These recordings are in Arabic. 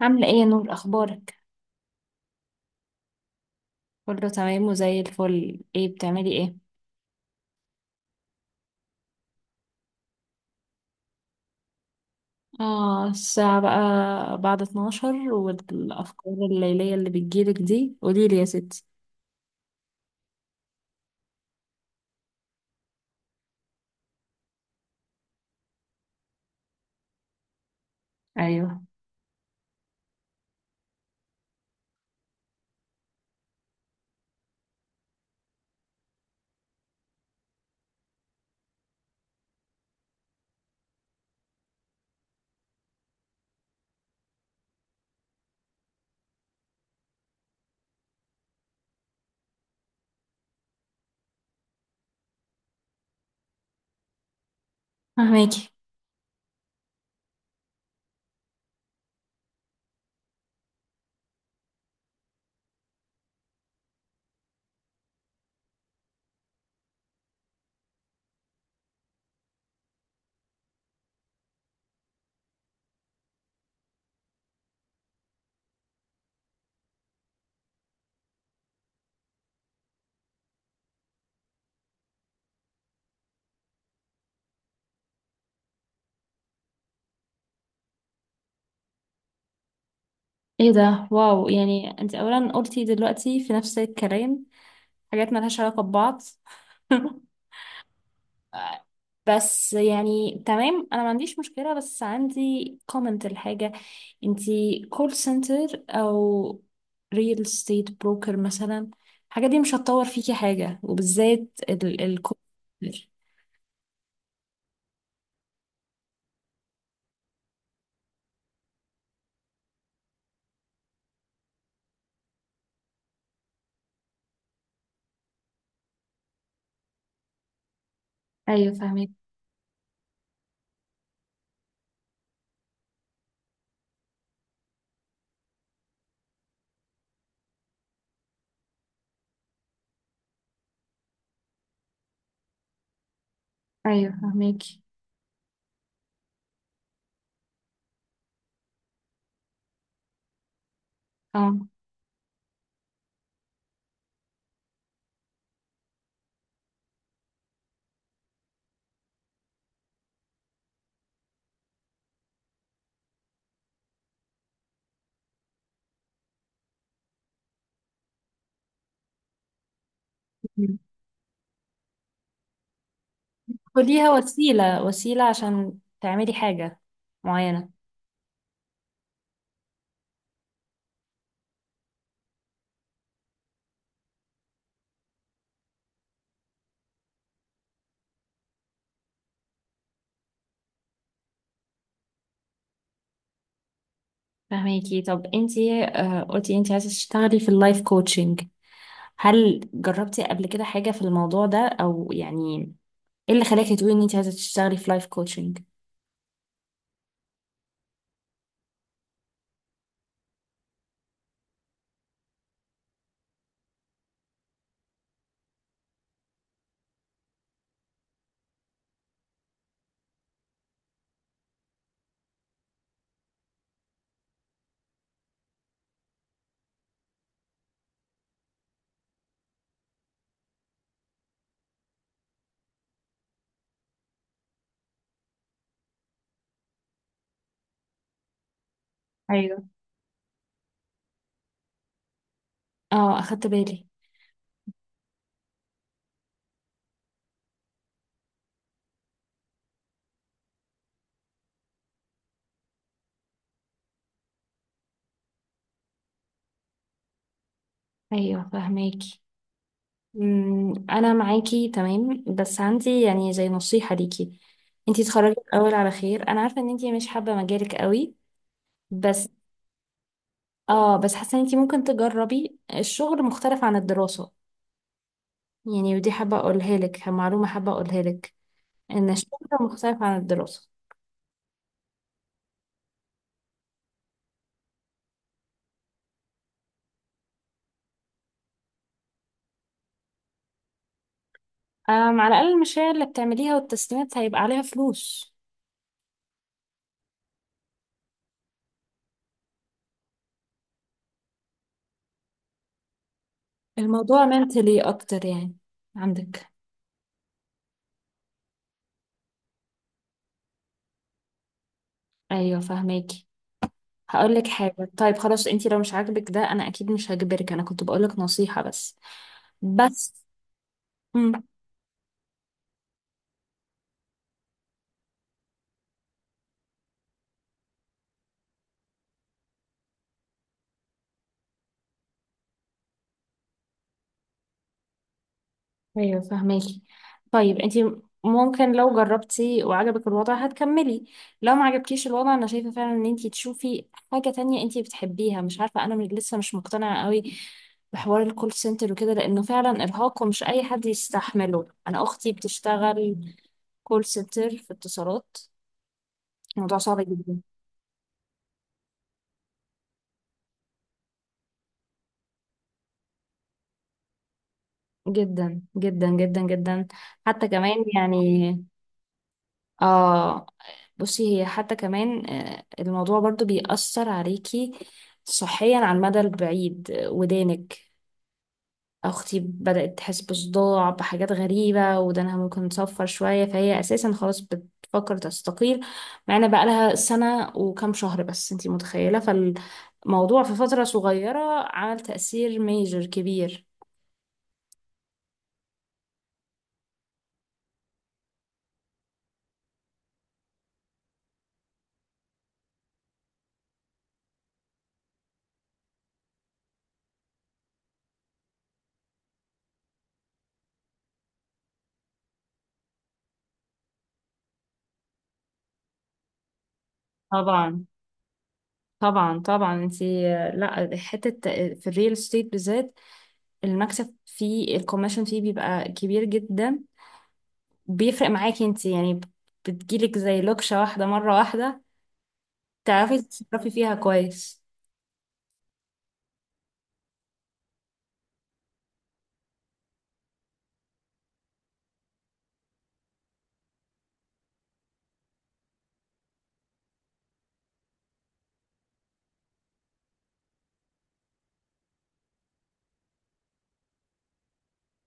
عاملة ايه يا نور، اخبارك؟ كله تمام وزي الفل. ايه بتعملي ايه؟ اه الساعة بقى بعد 12 والافكار الليلية اللي بتجيلك دي، قوليلي يا ستي. ايوه، فهماكي. ايه ده؟ واو، يعني انت اولا قلتي دلوقتي في نفس الكلام حاجات ملهاش علاقة ببعض. بس يعني تمام، انا ما عنديش مشكلة، بس عندي كومنت الحاجة. انتي كول سنتر او ريل استيت بروكر مثلا، الحاجة دي مش هتطور فيكي حاجة، وبالذات ال ايوه، فهمك. ايوه فهماكي. اه. مم. خديها وسيلة عشان تعملي حاجة معينة. فهميكي. طب انتي قلتي انتي عايزة تشتغلي في اللايف كوتشنج، هل جربتي قبل كده حاجة في الموضوع ده؟ او يعني ايه اللي خلاكي تقولي ان انت عايزه تشتغلي في لايف كوتشنج؟ ايوه. اه اخدت بالي. ايوه فهماكي. انا معاكي تمام، بس عندي يعني زي نصيحه ليكي. انت اتخرجي الاول على خير، انا عارفه ان انت مش حابه مجالك قوي، بس اه، بس حاسه ان انت ممكن تجربي الشغل مختلف عن الدراسه. يعني ودي حابه اقولها لك، معلومه حابه اقولها لك، ان الشغل مختلف عن الدراسه. أم، على الاقل المشاريع اللي بتعمليها والتسليمات هيبقى عليها فلوس. الموضوع منتلي اكتر يعني عندك. ايوه فاهماكي. هقول لك حاجه، طيب خلاص انتي لو مش عاجبك ده، انا اكيد مش هجبرك، انا كنت بقول لك نصيحه بس. بس، امم. ايوه فاهماكي. طيب انتي ممكن لو جربتي وعجبك الوضع هتكملي، لو ما عجبكيش الوضع انا شايفه فعلا ان انتي تشوفي حاجه تانية انتي بتحبيها. مش عارفه، انا لسه مش مقتنعه قوي بحوار الكول سنتر وكده، لانه فعلا ارهاق ومش اي حد يستحمله. انا اختي بتشتغل كول سنتر في اتصالات، الموضوع صعب جدا جدا جدا جدا جدا. حتى كمان يعني اه، بصي هي حتى كمان الموضوع برضو بيأثر عليكي صحيا على المدى البعيد. ودانك، اختي بدأت تحس بصداع، بحاجات غريبة، ودانها ممكن تصفر شوية، فهي اساسا خلاص بتفكر تستقيل مع ان بقى لها سنة وكام شهر بس. انتي متخيلة؟ فالموضوع في فترة صغيرة عمل تأثير ميجر كبير. طبعا طبعا طبعا. انتي لا حتة، في الريل استيت بالذات المكسب فيه، الكوميشن فيه بيبقى كبير جدا. بيفرق معاكي انتي يعني، بتجيلك زي لوكشة واحدة مرة واحدة، تعرفي تتصرفي فيها كويس.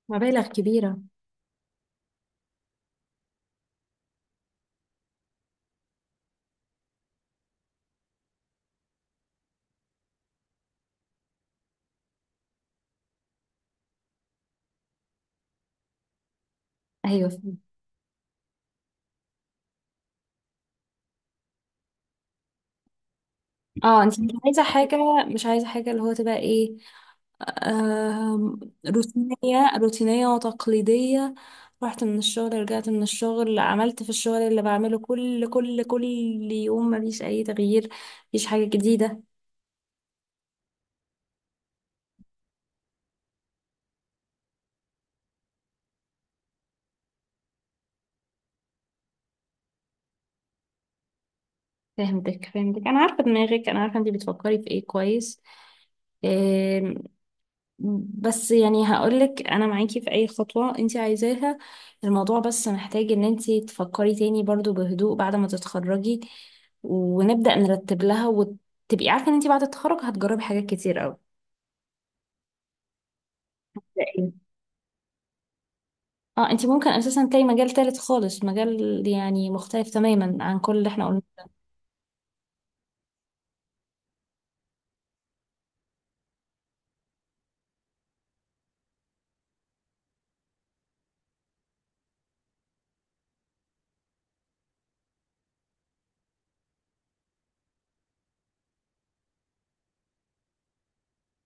مبالغ كبيرة. ايوه فهمت. اه انتي مش عايزة حاجة، مش عايزة حاجة اللي هو تبقى ايه، آم، روتينية وتقليدية رحت من الشغل، رجعت من الشغل، عملت في الشغل اللي بعمله كل يوم مفيش أي تغيير، مفيش حاجة جديدة. فهمتك فهمتك، أنا عارفة دماغك، أنا عارفة أنتي بتفكري في إيه كويس. آم، بس يعني هقولك أنا معاكي في أي خطوة أنتي عايزاها. الموضوع بس محتاج إن أنتي تفكري تاني برضو بهدوء بعد ما تتخرجي، ونبدأ نرتب لها، وتبقي عارفة إن أنتي بعد التخرج هتجربي حاجات كتير أوي. إيه؟ اه، انت ممكن اساسا تلاقي مجال تالت خالص، مجال يعني مختلف تماما عن كل اللي احنا قلناه.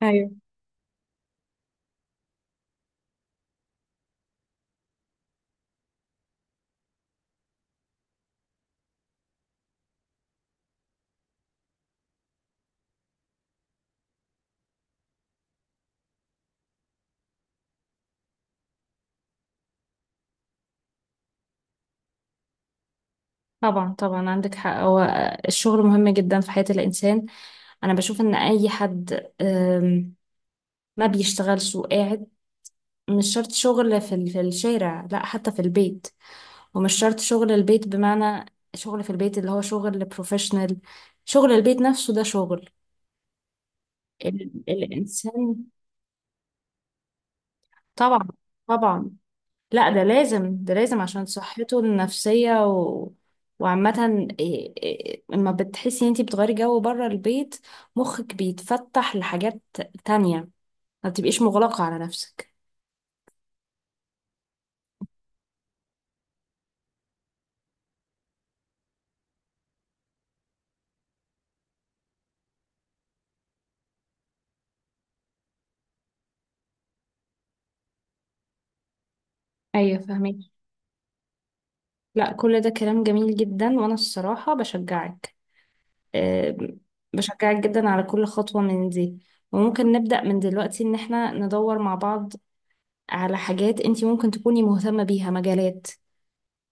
ايوه، طبعا طبعا، عندك حق. هو الشغل مهم جدا في حياة الانسان. انا بشوف ان اي حد ما بيشتغلش وقاعد، مش شرط شغل في في الشارع، لا حتى في البيت. ومش شرط شغل البيت بمعنى شغل في البيت اللي هو شغل بروفيشنال، شغل البيت نفسه ده شغل. الانسان. طبعا. طبعا. لا ده لازم، ده لازم عشان صحته النفسية و... وعامة لما بتحسي ان انتي بتغيري جو بره البيت، مخك بيتفتح لحاجات تانية، ما بتبقيش مغلقة على نفسك. ايوه فاهمك. لا كل ده كلام جميل جدا، وانا الصراحة بشجعك. آه، بشجعك جدا على كل خطوة من دي. وممكن نبدأ من دلوقتي ان احنا ندور مع بعض على حاجات انتي ممكن تكوني مهتمة بيها، مجالات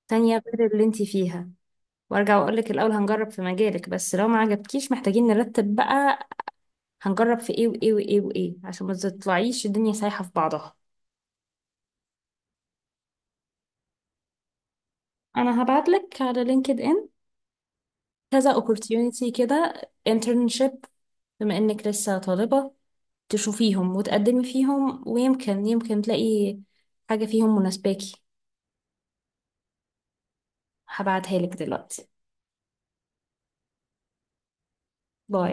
تانية غير اللي انتي فيها. وارجع واقول لك الاول هنجرب في مجالك، بس لو ما عجبكيش محتاجين نرتب بقى هنجرب في ايه وايه وايه وايه، عشان ما تطلعيش الدنيا سايحة في بعضها. انا هبعت لك على لينكد ان كذا opportunity كده، internship، بما انك لسه طالبة، تشوفيهم وتقدمي فيهم، ويمكن يمكن تلاقي حاجة فيهم مناسباكي. هبعتها لك دلوقتي. باي.